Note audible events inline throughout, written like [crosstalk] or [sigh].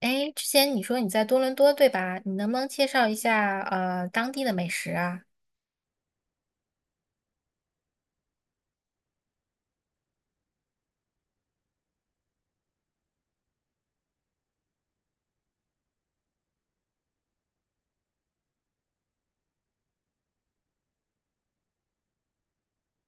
哎，之前你说你在多伦多，对吧？你能不能介绍一下当地的美食啊？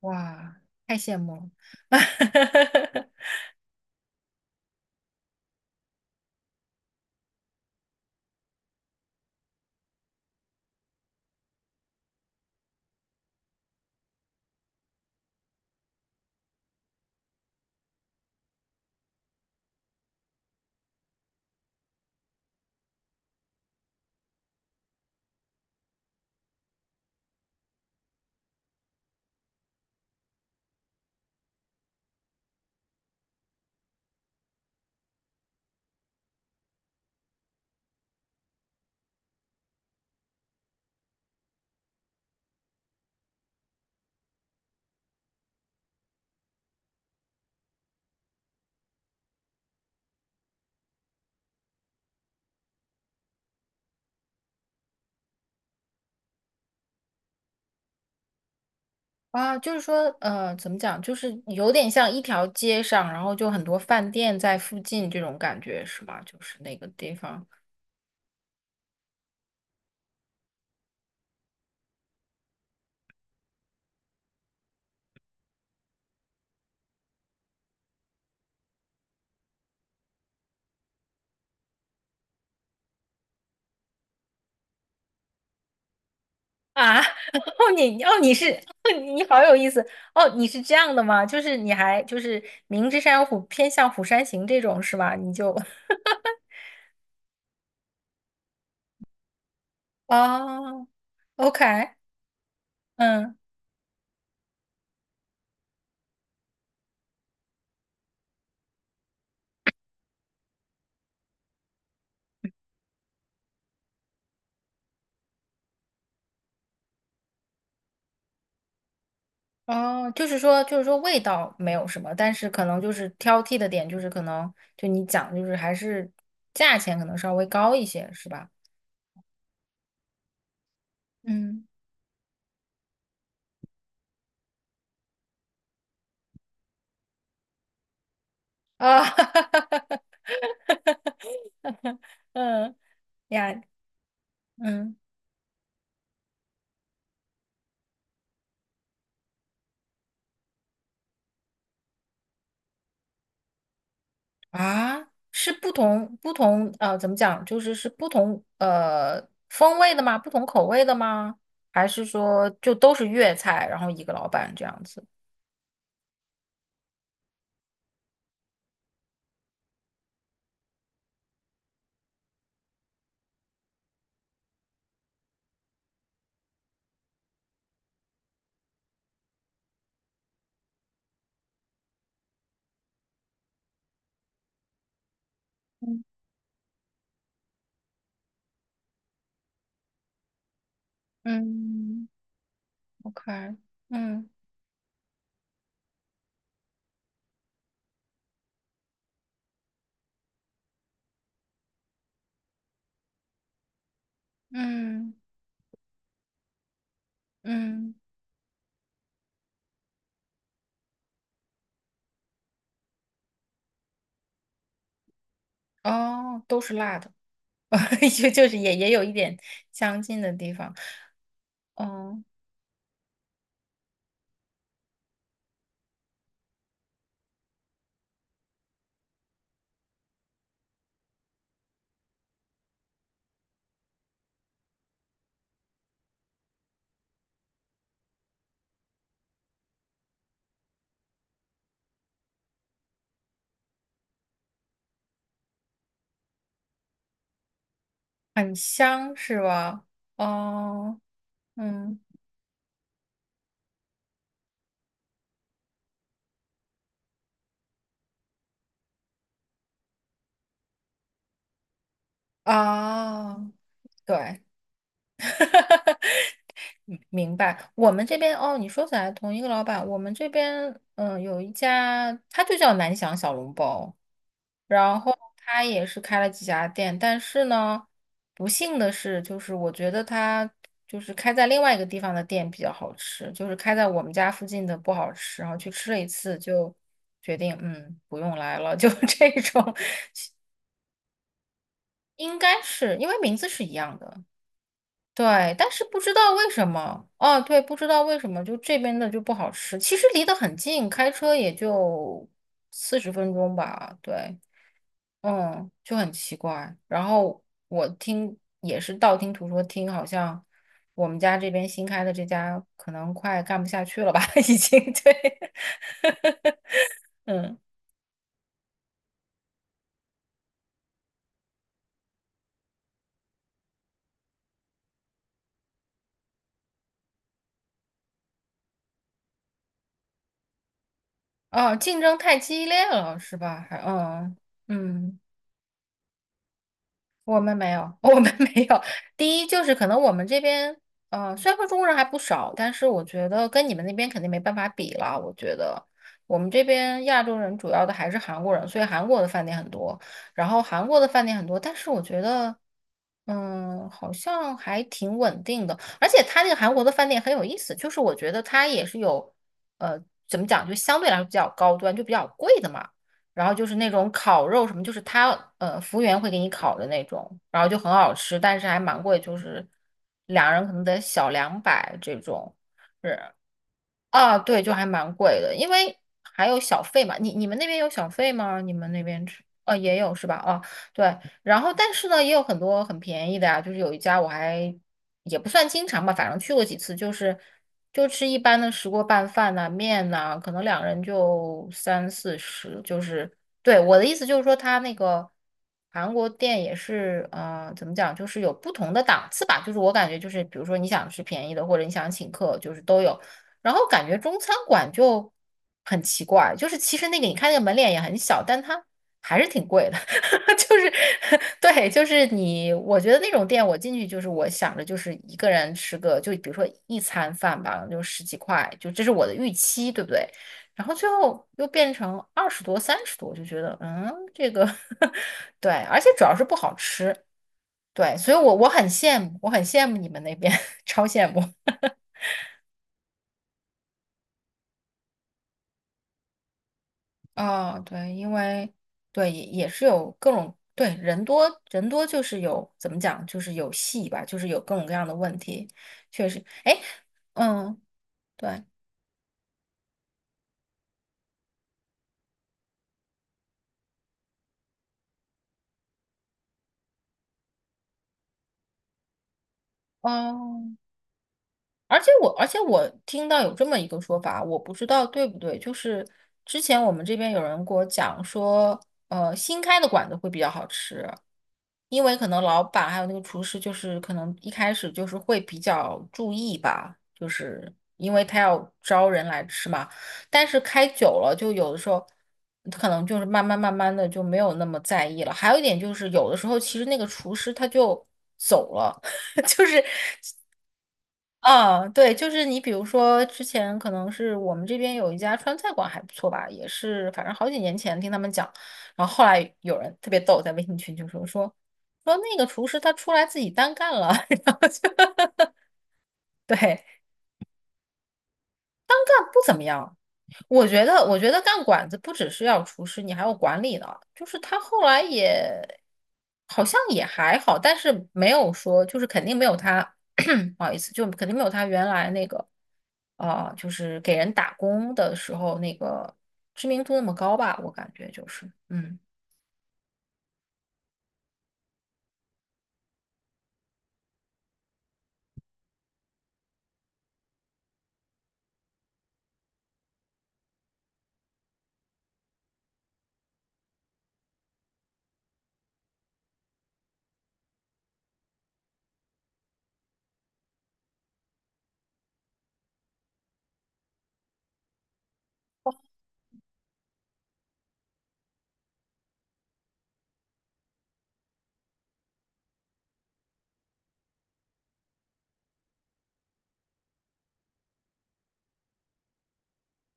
哇，太羡慕了！[laughs] 啊，就是说呃，怎么讲，就是有点像一条街上，然后就很多饭店在附近这种感觉，是吗？就是那个地方啊。[laughs] 你好有意思。哦，你是这样的吗？就是你还就是明知山有虎，偏向虎山行这种是吧？你就 [laughs] 哦，OK，嗯。味道没有什么，但是可能就是挑剔的点，就是可能就你讲，就是还是价钱可能稍微高一些，是吧？嗯，啊，[laughs] 嗯呀，嗯啊，是不同怎么讲？就是是不同风味的吗？不同口味的吗？还是说就都是粤菜，然后一个老板这样子？嗯嗯，OK，嗯嗯。嗯，哦，都是辣的，[laughs] 就是也有一点相近的地方，嗯，很香是吧？哦，嗯，哦，对，[laughs] 哈，明白。我们这边，哦，你说起来同一个老板，我们这边有一家，他就叫南翔小笼包，然后他也是开了几家店，但是呢，不幸的是，就是我觉得他就是开在另外一个地方的店比较好吃，就是开在我们家附近的不好吃，然后去吃了一次就决定不用来了，就 [laughs] 这种，应该是因为名字是一样的。对，但是不知道为什么，哦，对，不知道为什么，就这边的就不好吃。其实离得很近，开车也就40分钟吧。对，嗯，就很奇怪。然后我听也是道听途说听，好像我们家这边新开的这家可能快干不下去了吧，[laughs] 已经。对，嗯，哦，竞争太激烈了，是吧？还，嗯嗯。我们没有，[laughs] 我们没有。第一就是可能我们这边，呃，虽然说中国人还不少，但是我觉得跟你们那边肯定没办法比了。我觉得我们这边亚洲人主要的还是韩国人，所以韩国的饭店很多，但是我觉得，嗯，好像还挺稳定的。而且他那个韩国的饭店很有意思，就是我觉得它也是有，呃，怎么讲，就相对来说比较高端，就比较贵的嘛。然后就是那种烤肉什么，就是他服务员会给你烤的那种，然后就很好吃，但是还蛮贵，就是两人可能得小200这种。是，啊，对，就还蛮贵的，因为还有小费嘛。你你们那边有小费吗？你们那边吃，也有是吧？啊，对。然后，但是呢，也有很多很便宜的呀。就是有一家我还也不算经常吧，反正去过几次，就是就吃一般的石锅拌饭呐、面呐、可能两人就30到40。我的意思就是说，他那个韩国店也是，呃，怎么讲，就是有不同的档次吧。就是我感觉就是，比如说你想吃便宜的，或者你想请客，就是都有。然后感觉中餐馆就很奇怪，就是其实那个你看那个门脸也很小，但它还是挺贵的。[laughs] 就是 [laughs] 对，就是你，我觉得那种店我进去就是我想着就是一个人吃个，就比如说一餐饭吧，就十几块，就这是我的预期，对不对？然后最后又变成20多、30多，我就觉得嗯，这个 [laughs] 对，而且主要是不好吃。对，所以我很羡慕，我很羡慕你们那边，[laughs] 超羡慕。哦，对，因为对也也是有各种人多就是有怎么讲就是有戏吧，就是有各种各样的问题，确实，哎，嗯，对，哦，而且我听到有这么一个说法，我不知道对不对，就是之前我们这边有人给我讲说，呃，新开的馆子会比较好吃，因为可能老板还有那个厨师，就是可能一开始就是会比较注意吧，就是因为他要招人来吃嘛。但是开久了，就有的时候可能就慢慢的就没有那么在意了。还有一点就是，有的时候其实那个厨师他就走了。[laughs] 就是嗯，对，就是你，比如说之前可能是我们这边有一家川菜馆还不错吧，也是反正好几年前听他们讲，然后后来有人特别逗，在微信群就说那个厨师他出来自己单干了，[laughs] 然后就 [laughs] 对，但不怎么样。我觉得，我觉得干馆子不只是要厨师，你还要管理呢。就是他后来也好像也还好，但是没有说，就是肯定没有他，[coughs] [clears throat] 不好意思，就肯定没有他原来那个，啊、就是给人打工的时候那个知名度那么高吧。我感觉就是，嗯。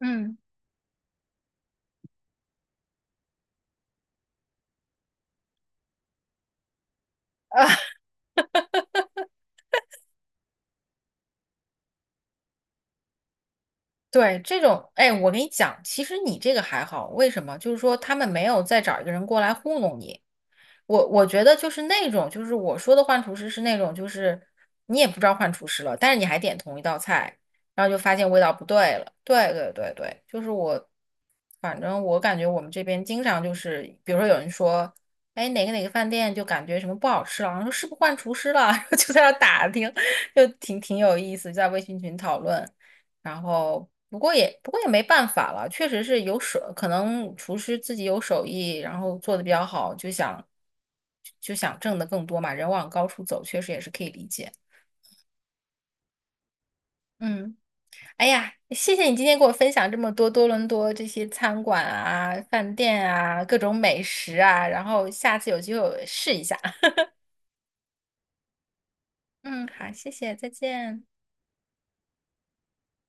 嗯啊，[laughs] 对，这种，哎，我跟你讲，其实你这个还好，为什么？就是说他们没有再找一个人过来糊弄你，我我觉得就是那种，就是我说的换厨师是那种，就是你也不知道换厨师了，但是你还点同一道菜，然后就发现味道不对了。对对对对，就是我，反正我感觉我们这边经常就是，比如说有人说，哎，哪个哪个饭店就感觉什么不好吃了，然后说是不是换厨师了，[laughs] 然后就在那打听，就挺有意思，在微信群讨论。然后不过也没办法了，确实是有手，可能厨师自己有手艺，然后做的比较好，就想挣得更多嘛，人往高处走，确实也是可以理解。嗯，哎呀，谢谢你今天给我分享这么多多伦多这些餐馆啊、饭店啊、各种美食啊，然后下次有机会我试一下。[laughs] 嗯，好，谢谢，再见。